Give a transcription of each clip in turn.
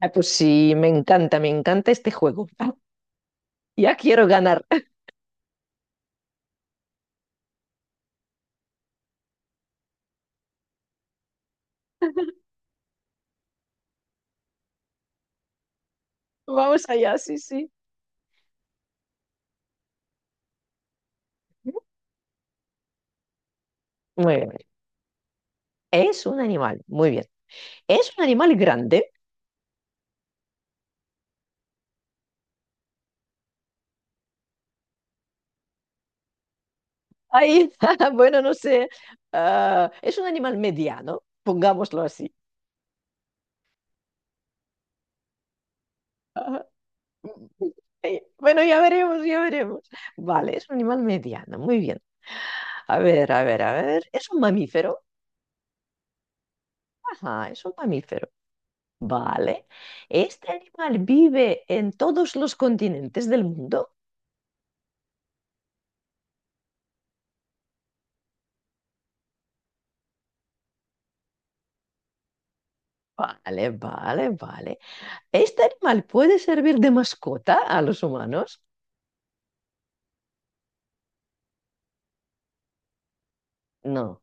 Pues sí, me encanta este juego. Ya quiero ganar. Vamos allá, sí. Muy bien. Es un animal, muy bien. ¿Es un animal grande? Ay, bueno, no sé. Es un animal mediano, pongámoslo así. Ajá. Ay, bueno, ya veremos, ya veremos. Vale, es un animal mediano, muy bien. A ver, a ver, a ver. ¿Es un mamífero? Ajá, es un mamífero. Vale. ¿Este animal vive en todos los continentes del mundo? Vale, vale, vale. ¿Este animal puede servir de mascota a los humanos? No.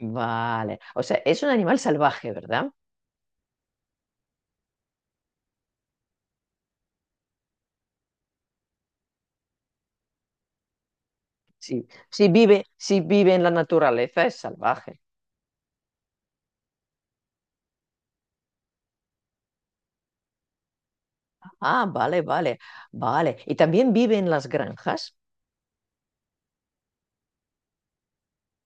Vale. O sea, es un animal salvaje, ¿verdad? Sí. Si vive en la naturaleza, es salvaje. Ah, vale, vale, vale. Y también vive en las granjas.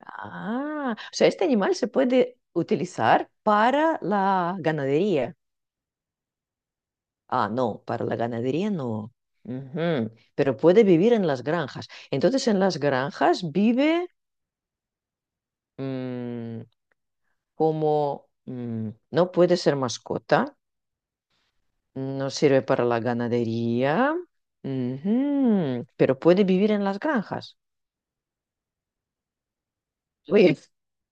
Ah, o sea, este animal se puede utilizar para la ganadería. Ah, no, para la ganadería no. Ujú. Pero puede vivir en las granjas. Entonces, en las granjas vive mm, como no puede ser mascota, no sirve para la ganadería, ujú, pero puede vivir en las granjas. Uy,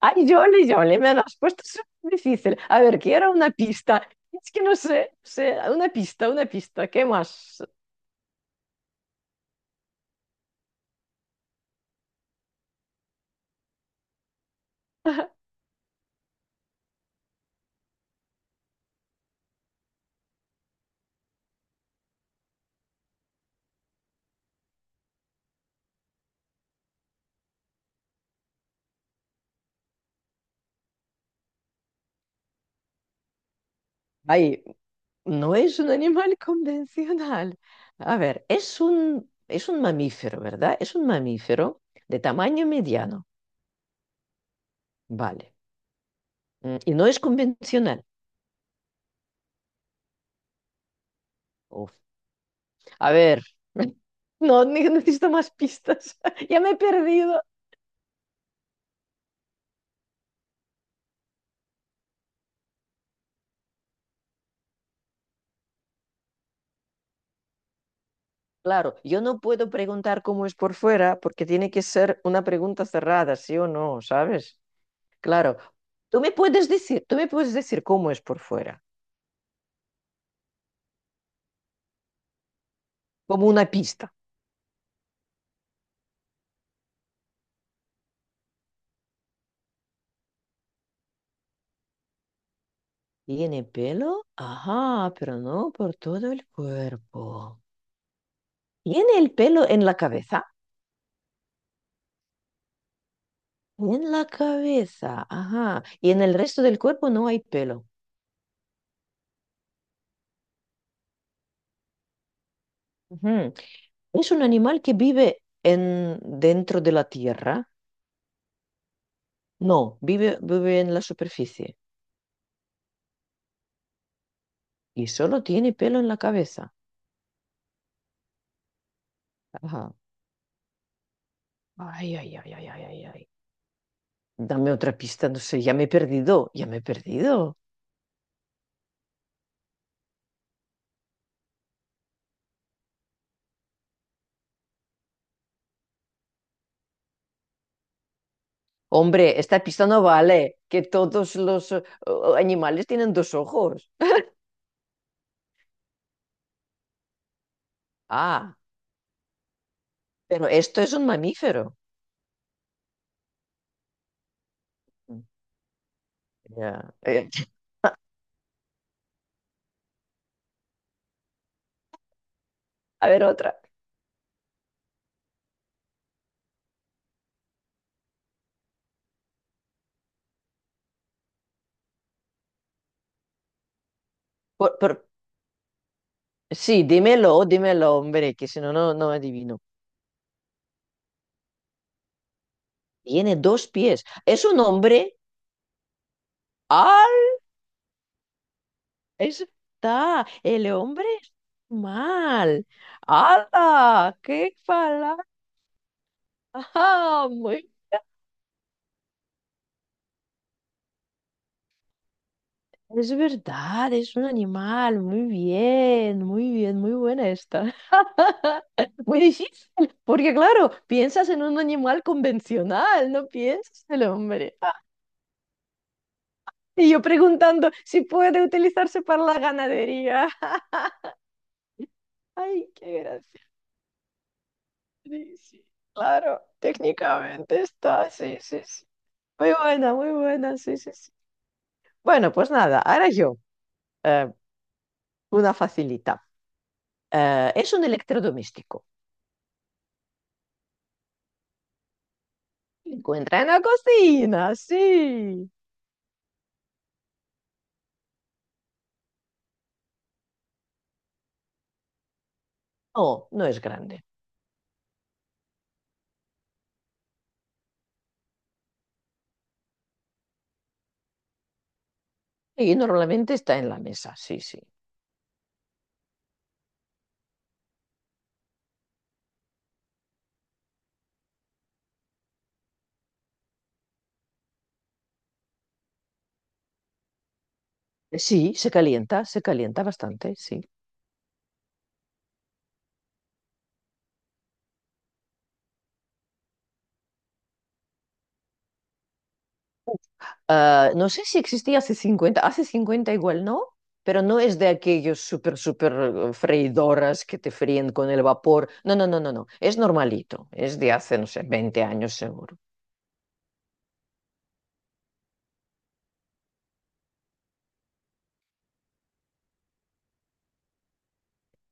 ay, Yoli, Yoli, me lo has puesto súper difícil. A ver, quiero una pista. Es que no sé, sé, una pista, ¿qué más? Ay, no es un animal convencional. A ver, es un mamífero, ¿verdad? Es un mamífero de tamaño mediano, vale. Y no es convencional. Uf. A ver, no ne- necesito más pistas. Ya me he perdido. Claro, yo no puedo preguntar cómo es por fuera porque tiene que ser una pregunta cerrada, sí o no, ¿sabes? Claro, tú me puedes decir cómo es por fuera, como una pista. ¿Tiene pelo? Ajá, pero no por todo el cuerpo. ¿Tiene el pelo en la cabeza? En la cabeza, ajá. Y en el resto del cuerpo no hay pelo. Ujú. ¿Es un animal que vive en, dentro de la tierra? No, vive en la superficie y solo tiene pelo en la cabeza. Ajá. Ay, ay, ay, ay, ay, ay, ay. Dame otra pista, no sé, ya me he perdido, ya me he perdido. Hombre, esta pista no vale, que todos los animales tienen dos ojos. Ah, pero esto es un mamífero. Ya. A ver, otra. Por- por- sí, dímelo, dímelo, hombre, que si no, no adivino. Tiene dos pies. Es un hombre. ¡Ah! Está. El hombre es mal. ¡Hala! ¡Qué palabra! ¡Ah! Muy... Es verdad, es un animal. Muy bien, muy bien, muy buena esta. Muy difícil, porque claro, piensas en un animal convencional, no piensas en el hombre. Y yo preguntando si puede utilizarse para la ganadería. Ay, qué gracioso. Sí, sí, claro, técnicamente está, sí, sí, sí. Muy buena, sí, sí, sí. Bueno, pues nada, ahora yo, eh, una facilita. Es un electrodoméstico. Se encuentra en la cocina, sí. No, no es grande. Y normalmente está en la mesa, sí, sí. Sí, se calienta bastante, sí. Ah, no sé si existía hace 50 hace 50 igual no, pero no es de aquellos súper, súper freidoras que te fríen con el vapor. No, no, no, no, no, es normalito, es de hace, no sé, 20 años seguro.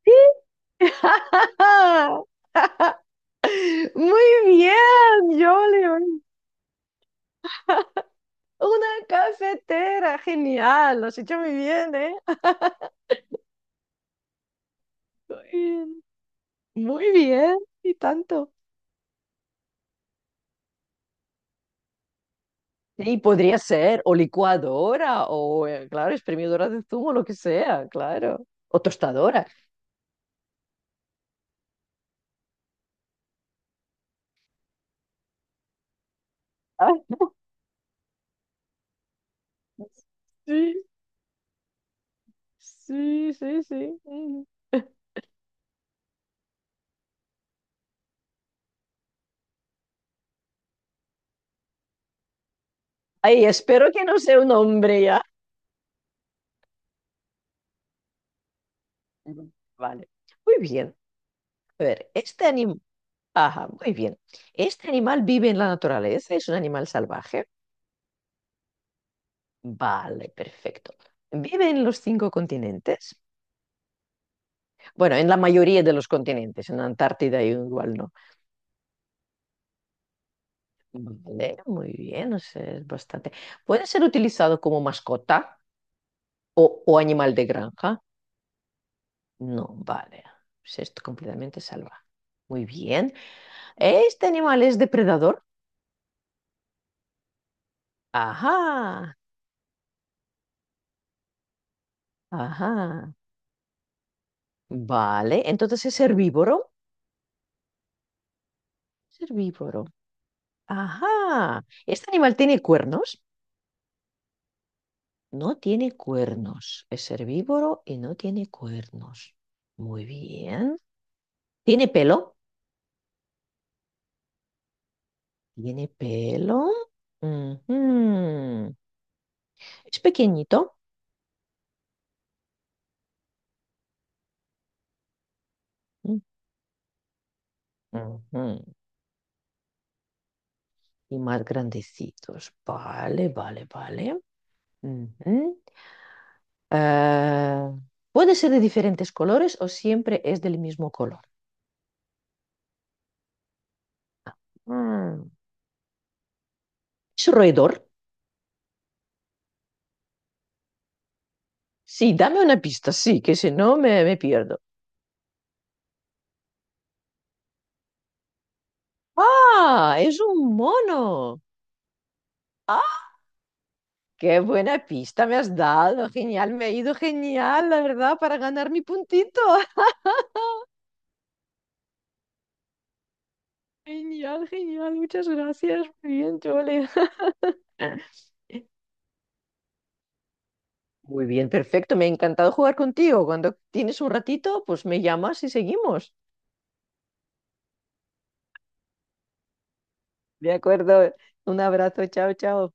Sí. Muy bien, Jolly. Una cafetera, genial. Lo has hecho muy bien, ¿eh? Muy bien. Muy bien. Y tanto. Sí, podría ser, o licuadora, o claro, exprimidora de zumo, lo que sea, claro. O tostadora. Ah, sí, sí, sí, sí. Mm. Ay, espero que no sea un hombre ya. Ujú. Vale. Muy bien. A ver, este animal. Ajá, muy bien. ¿Este animal vive en la naturaleza? ¿Es un animal salvaje? Vale, perfecto. ¿Vive en los 5 continentes? Bueno, en la mayoría de los continentes. En Antártida igual no. Vale, muy bien, o sea, es bastante. ¿Puede ser utilizado como mascota o animal de granja? No, vale. Pues es completamente salvaje. Muy bien. ¿Este animal es depredador? Ajá, ajá. Vale, entonces es herbívoro. Es herbívoro. Ajá. ¿Este animal tiene cuernos? No tiene cuernos. Es herbívoro y no tiene cuernos. Muy bien. ¿Tiene pelo? Tiene pelo. Ujú. Es pequeñito. Ujú. Y más grandecitos. Vale, vale, vale. Ujú. Ah, puede ser de diferentes colores o siempre es del mismo color. Mm. ¿Es un roedor? Sí, dame una pista, sí, que si no me pierdo. ¡Ah! Es un mono. ¡Ah! Qué buena pista me has dado, genial, me ha ido genial, la verdad, para ganar mi puntito. Genial, genial, muchas gracias. Muy bien, Chole. Muy bien, perfecto. Me ha encantado jugar contigo. Cuando tienes un ratito, pues me llamas y seguimos. De acuerdo. Un abrazo. Chao, chao.